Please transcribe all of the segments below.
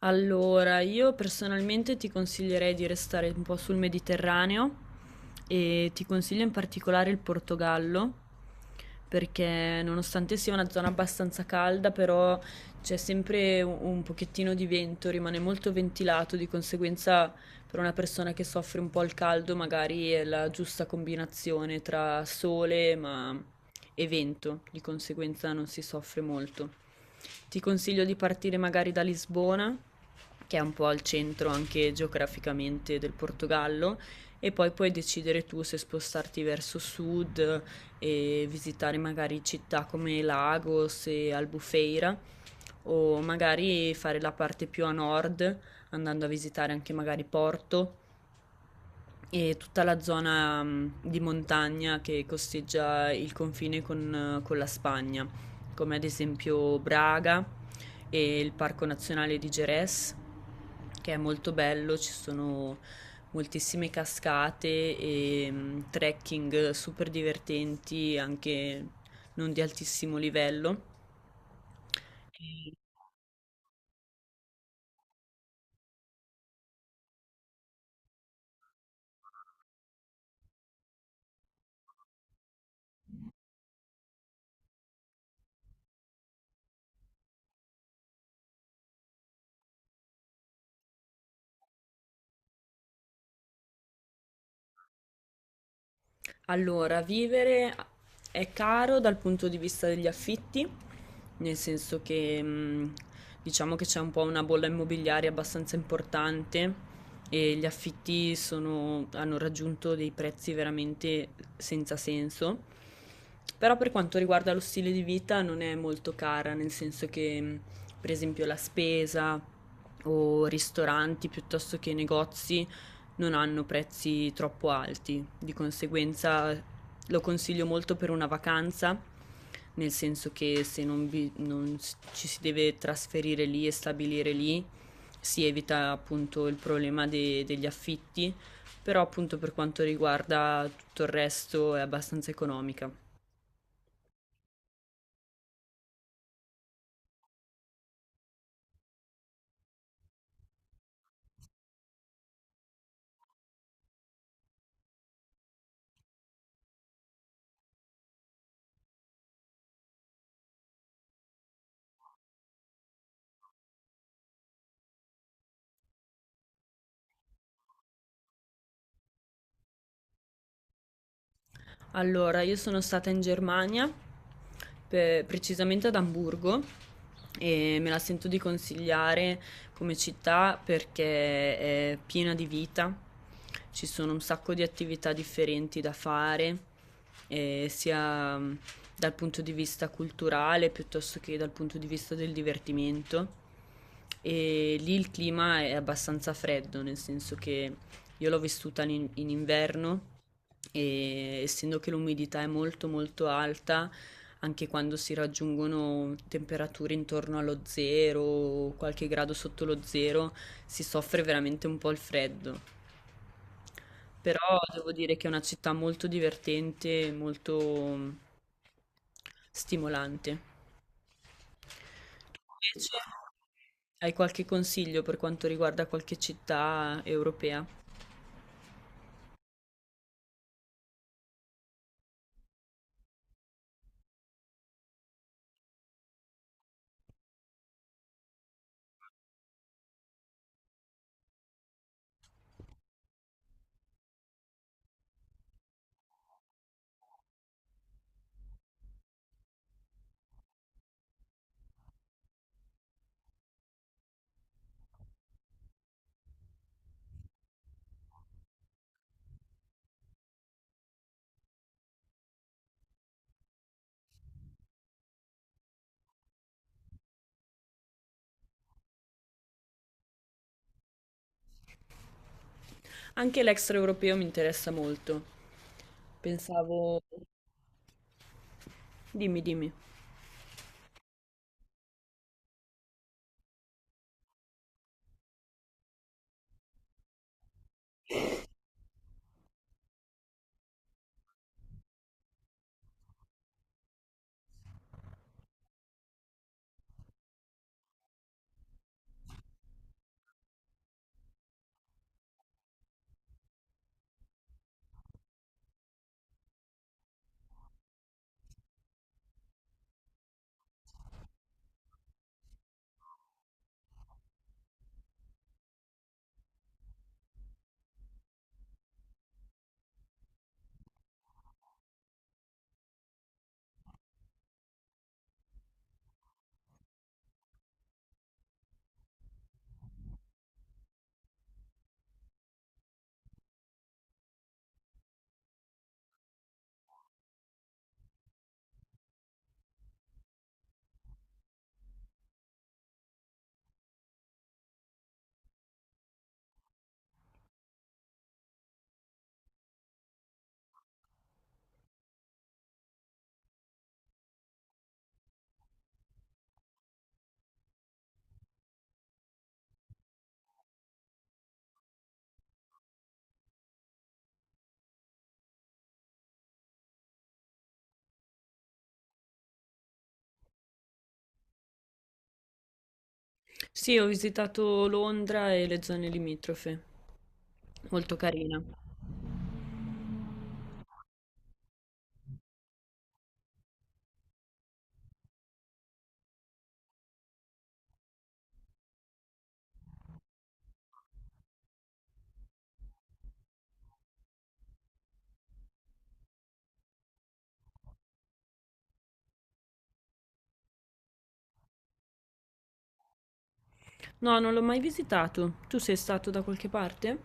Allora, io personalmente ti consiglierei di restare un po' sul Mediterraneo e ti consiglio in particolare il Portogallo perché nonostante sia una zona abbastanza calda, però c'è sempre un pochettino di vento, rimane molto ventilato, di conseguenza per una persona che soffre un po' il caldo magari è la giusta combinazione tra sole e vento, di conseguenza non si soffre molto. Ti consiglio di partire magari da Lisbona, che è un po' al centro anche geograficamente del Portogallo, e poi puoi decidere tu se spostarti verso sud e visitare magari città come Lagos e Albufeira, o magari fare la parte più a nord, andando a visitare anche magari Porto e tutta la zona di montagna che costeggia il confine con la Spagna, come ad esempio Braga e il Parco Nazionale di Jerez, che è molto bello, ci sono moltissime cascate e trekking super divertenti, anche non di altissimo livello. E allora, vivere è caro dal punto di vista degli affitti, nel senso che diciamo che c'è un po' una bolla immobiliare abbastanza importante e gli affitti sono- hanno raggiunto dei prezzi veramente senza senso. Però per quanto riguarda lo stile di vita non è molto cara, nel senso che per esempio la spesa o ristoranti piuttosto che negozi non hanno prezzi troppo alti, di conseguenza lo consiglio molto per una vacanza, nel senso che se non, vi- non s- ci si deve trasferire lì e stabilire lì, si evita appunto il problema de- degli affitti, però appunto per quanto riguarda tutto il resto è abbastanza economica. Allora, io sono stata in Germania, pe- precisamente ad Amburgo, e me la sento di consigliare come città perché è piena di vita, ci sono un sacco di attività differenti da fare, sia dal punto di vista culturale piuttosto che dal punto di vista del divertimento. E lì il clima è abbastanza freddo, nel senso che io l'ho vissuta in inverno e essendo che l'umidità è molto molto alta, anche quando si raggiungono temperature intorno allo zero o qualche grado sotto lo zero, si soffre veramente un po' il freddo. Però devo dire che è una città molto divertente, molto stimolante. Invece, hai qualche consiglio per quanto riguarda qualche città europea? Anche l'extraeuropeo mi interessa molto. Pensavo... Dimmi, dimmi. Sì, ho visitato Londra e le zone limitrofe. Molto carina. No, non l'ho mai visitato. Tu sei stato da qualche parte?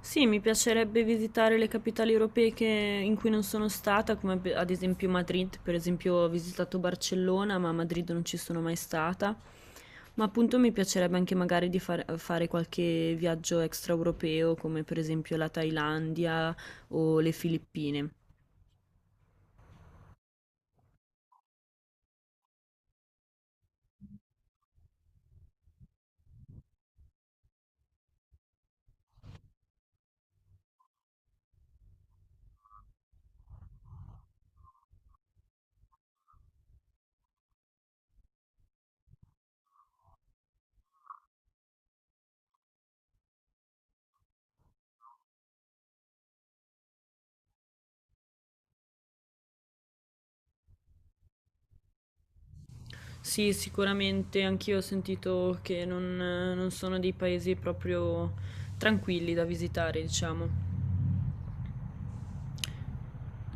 Sì, mi piacerebbe visitare le capitali europee che in cui non sono stata, come pe- ad esempio Madrid, per esempio ho visitato Barcellona, ma a Madrid non ci sono mai stata. Ma appunto mi piacerebbe anche magari di far- fare qualche viaggio extraeuropeo, come per esempio la Thailandia o le Filippine. Sì, sicuramente anch'io ho sentito che non non sono dei paesi proprio tranquilli da visitare, diciamo.